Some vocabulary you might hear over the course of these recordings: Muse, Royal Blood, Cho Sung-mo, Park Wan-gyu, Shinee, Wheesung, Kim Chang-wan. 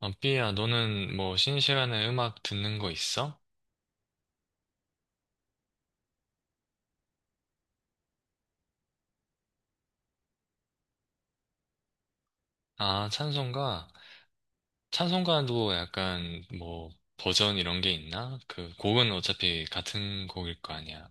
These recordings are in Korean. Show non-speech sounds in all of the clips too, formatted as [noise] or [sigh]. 아, 삐야, 너는 뭐 쉬는 시간에 음악 듣는 거 있어? 아, 찬송가? 찬송가도 약간 뭐 버전 이런 게 있나? 그 곡은 어차피 같은 곡일 거 아니야.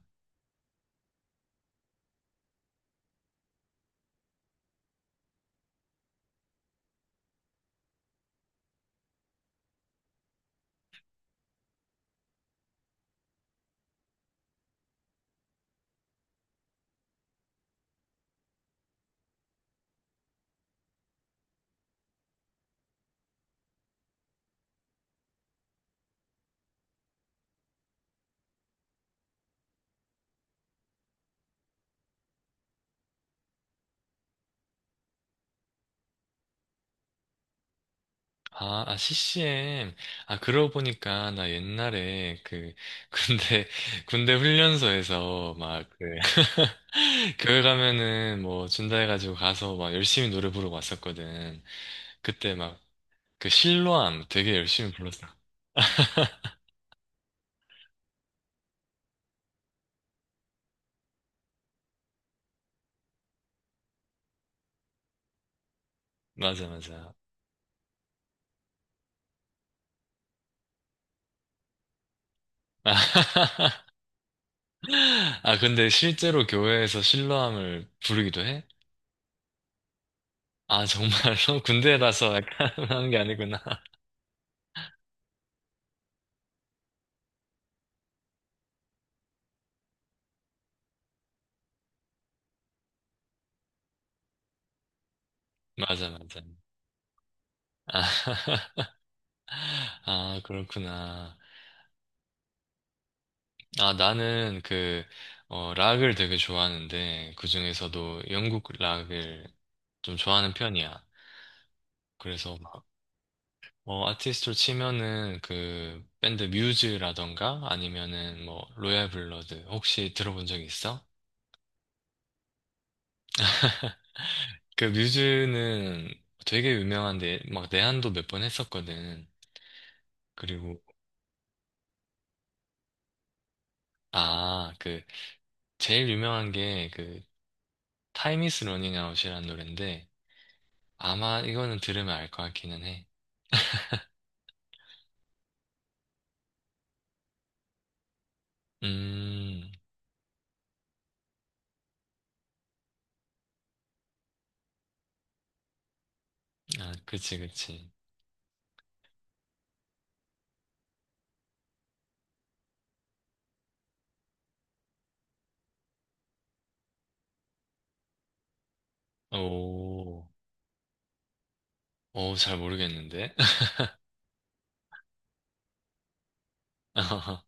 아, 아, CCM. 아, 그러고 보니까 나 옛날에 그 군대 [laughs] 군대 훈련소에서 막 그 [laughs] 교회 가면은 뭐 준다 해가지고 가서 막 열심히 노래 부르고 왔었거든. 그때 막 그 실로암 되게 열심히 불렀어. 맞아, 맞아. [laughs] 아, 근데 실제로 교회에서 신랑을 부르기도 해? 아, 정말로? [laughs] 군대라서 약간 [laughs] 하는 게 아니구나. [laughs] 맞아, 맞아. 아, [laughs] 아, 그렇구나. 아, 나는 그, 어, 락을 되게 좋아하는데, 그중에서도 영국 락을 좀 좋아하는 편이야. 그래서 막, 어, 아티스트로 치면은 그, 밴드 뮤즈라던가, 아니면은 뭐, 로얄 블러드, 혹시 들어본 적 있어? 그 뮤즈는 되게 유명한데 막 내한도 몇 번 했었거든. 그리고 아, 그 제일 유명한 게 그 Time is Running Out이라는 노래인데 아마 이거는 들으면 알 것 같기는 해. [laughs] 음, 아, 그치, 그치. 오, 오, 잘 모르겠는데. [laughs]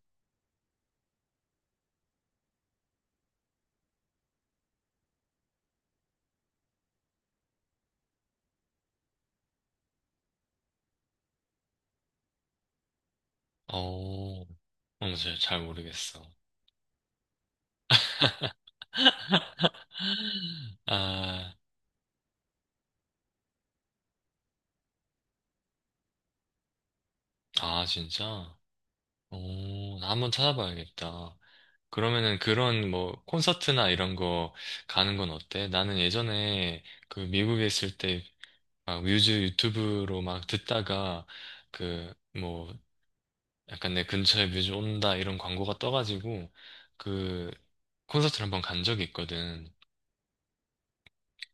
오, 어, 잘 모르겠어. 아, 아, 진짜? 오, 나 한번 찾아봐야겠다. 그러면은 그런 뭐 콘서트나 이런 거 가는 건 어때? 나는 예전에 그 미국에 있을 때 막 뮤즈 유튜브로 막 듣다가 그 뭐 약간 내 근처에 뮤즈 온다 이런 광고가 떠가지고 그 콘서트를 한번 간 적이 있거든.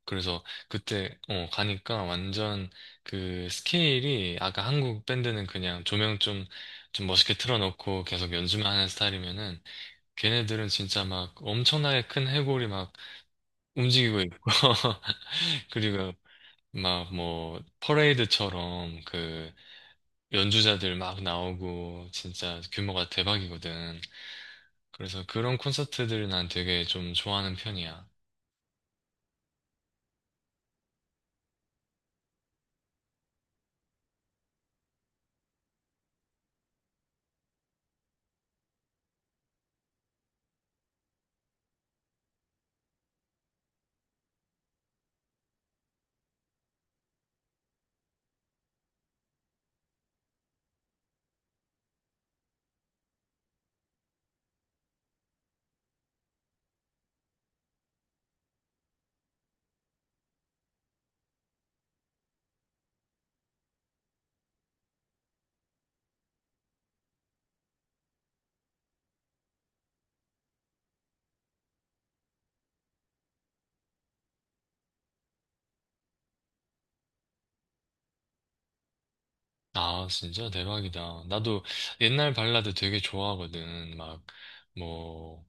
그래서 그때 어 가니까 완전 그 스케일이 아까 한국 밴드는 그냥 조명 좀 멋있게 틀어놓고 계속 연주만 하는 스타일이면은 걔네들은 진짜 막 엄청나게 큰 해골이 막 움직이고 있고 [laughs] 그리고 막 뭐 퍼레이드처럼 그 연주자들 막 나오고 진짜 규모가 대박이거든. 그래서 그런 콘서트들을 난 되게 좀 좋아하는 편이야. 아, 진짜 대박이다. 나도 옛날 발라드 되게 좋아하거든. 막 뭐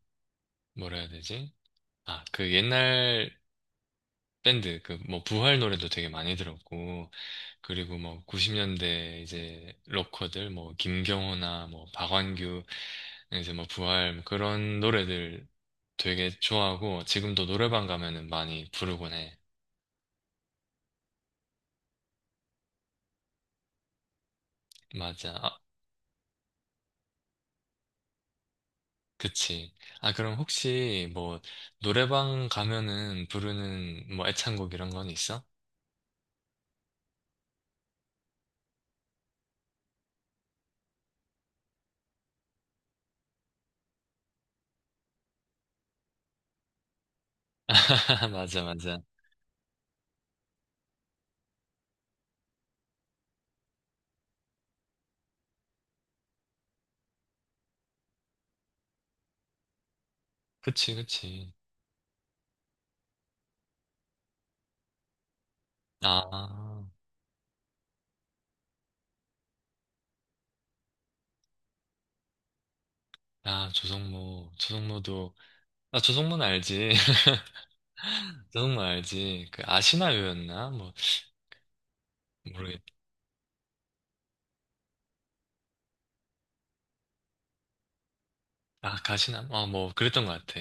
뭐라 해야 되지? 아, 그 옛날 밴드 그 뭐 부활 노래도 되게 많이 들었고 그리고 뭐 90년대 이제 로커들 뭐 김경호나 뭐 박완규 이제 뭐 부활 뭐 그런 노래들 되게 좋아하고 지금도 노래방 가면은 많이 부르곤 해. 맞아. 아, 그치. 아 그럼 혹시 뭐 노래방 가면은 부르는 뭐 애창곡 이런 건 있어? [laughs] 맞아, 맞아. 그치, 그치. 아. 아, 조성모, 조성모도, 아, 조성모는 알지. 너무 알지. 그 아시나요였나? 뭐 모르겠. 아 가시나? 아 뭐 그랬던 것 같아.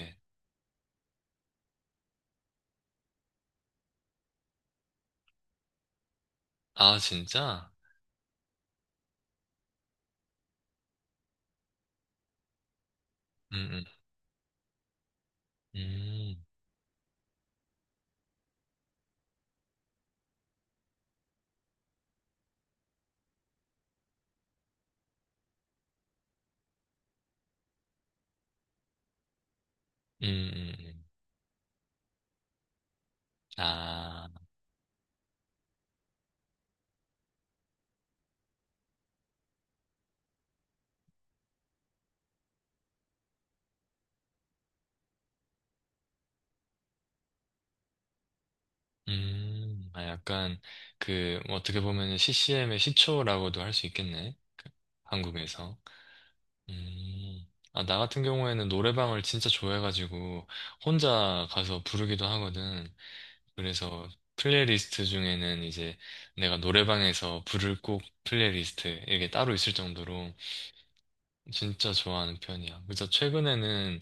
아 진짜? 음, 음, 음, 음. 아, 아 약간 그뭐 어떻게 보면 CCM의 시초라고도 할 수 있겠네. 한국에서. 음. 아, 나 같은 경우에는 노래방을 진짜 좋아해가지고 혼자 가서 부르기도 하거든. 그래서 플레이리스트 중에는 이제 내가 노래방에서 부를 곡 플레이리스트 이게 따로 있을 정도로 진짜 좋아하는 편이야. 그래서 최근에는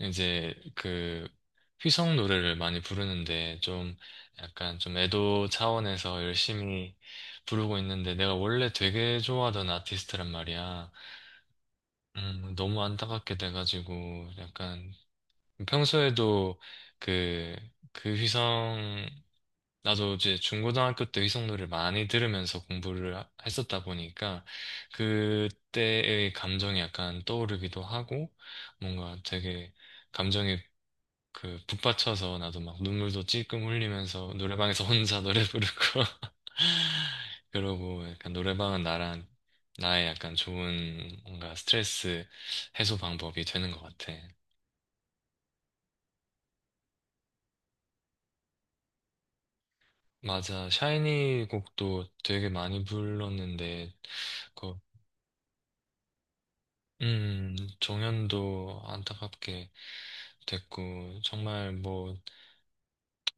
이제 그 휘성 노래를 많이 부르는데 좀 약간 좀 애도 차원에서 열심히 부르고 있는데 내가 원래 되게 좋아하던 아티스트란 말이야. 너무 안타깝게 돼가지고 약간 평소에도 그 그 휘성 나도 이제 중고등학교 때 의성노를 많이 들으면서 했었다 보니까 그때의 감정이 약간 떠오르기도 하고 뭔가 되게 감정에 그 북받쳐서 나도 막 눈물도 찔끔 흘리면서 노래방에서 [laughs] 혼자 노래 부르고 [laughs] 그러고 약간 노래방은 나랑 나의 약간 좋은 뭔가 스트레스 해소 방법이 되는 것 같아. 맞아. 샤이니 곡도 되게 많이 불렀는데 그 정연도 안타깝게 됐고, 정말 뭐,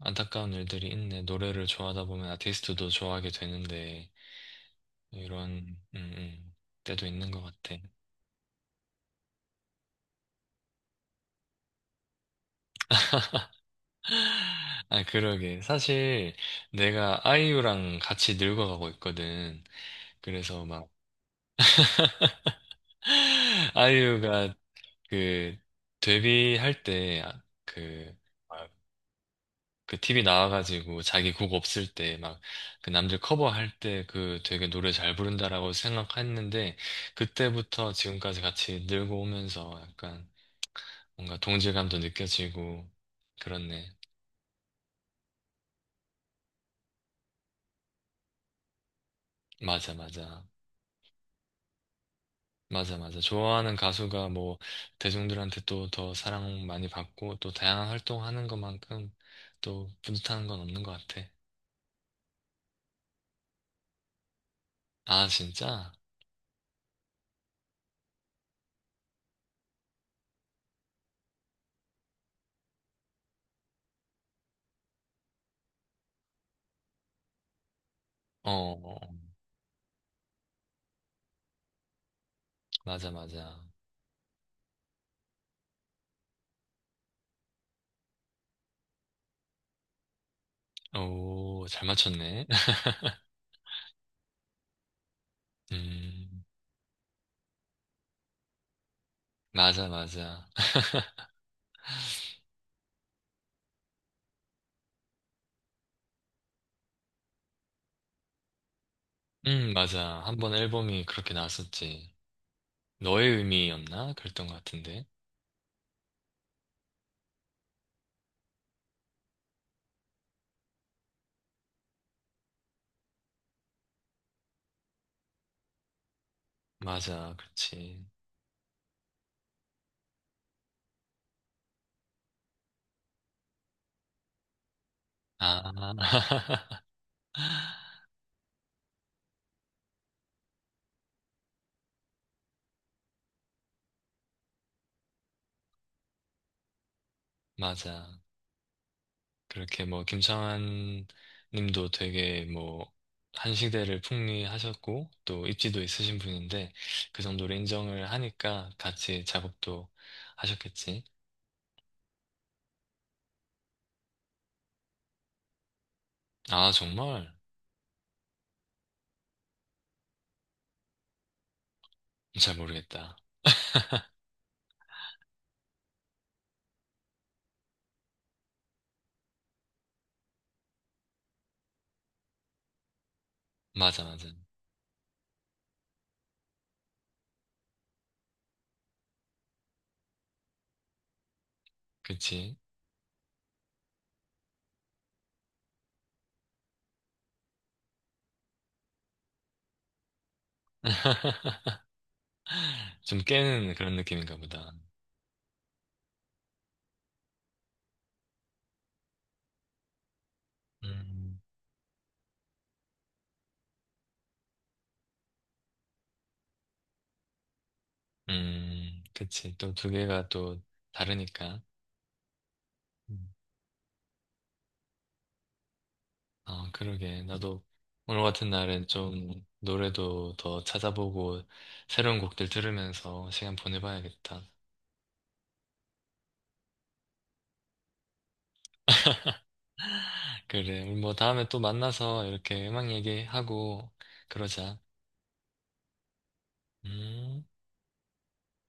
안타까운 일들이 있네. 노래를 좋아하다 보면 아티스트도 좋아하게 되는데, 이런, 때도 있는 것 같아. [laughs] 아, 그러게. 사실, 내가 아이유랑 같이 늙어가고 있거든. 그래서 막, [laughs] 아이유가 그, 데뷔할 때, 아, 그, 그 TV 나와가지고 자기 곡 없을 때 막 그 남들 커버할 때 그 되게 노래 잘 부른다라고 생각했는데 그때부터 지금까지 같이 늘고 오면서 약간 뭔가 동질감도 느껴지고 그렇네. 맞아, 맞아. 맞아, 맞아. 좋아하는 가수가 뭐 대중들한테 또 더 사랑 많이 받고 또 다양한 활동하는 것만큼 또 뿌듯한 건 없는 것 같아. 아, 진짜? 어. 맞아, 맞아. 오, 잘 맞췄네. [laughs] 음, 맞아, 맞아. [laughs] 맞아. 한 번 앨범이 그렇게 나왔었지. 너의 의미였나? 그랬던 것 같은데. 맞아, 그렇지. 아, [laughs] 맞아. 그렇게 뭐, 김창완 님도 되게 뭐, 한 시대를 풍미하셨고, 또 입지도 있으신 분인데, 그 정도로 인정을 하니까 같이 작업도 하셨겠지. 아, 정말? 잘 모르겠다. [laughs] 맞아, 맞아. 그치. [laughs] 좀 깨는 그런 느낌인가 보다. 음, 그치. 또 두 개가 또 다르니까. 음. 어, 그러게. 나도 오늘 같은 날은 좀 노래도 더 찾아보고 새로운 곡들 들으면서 시간 보내봐야겠다. 그래. 우리 뭐 다음에 또 만나서 이렇게 음악 얘기하고 그러자. 음.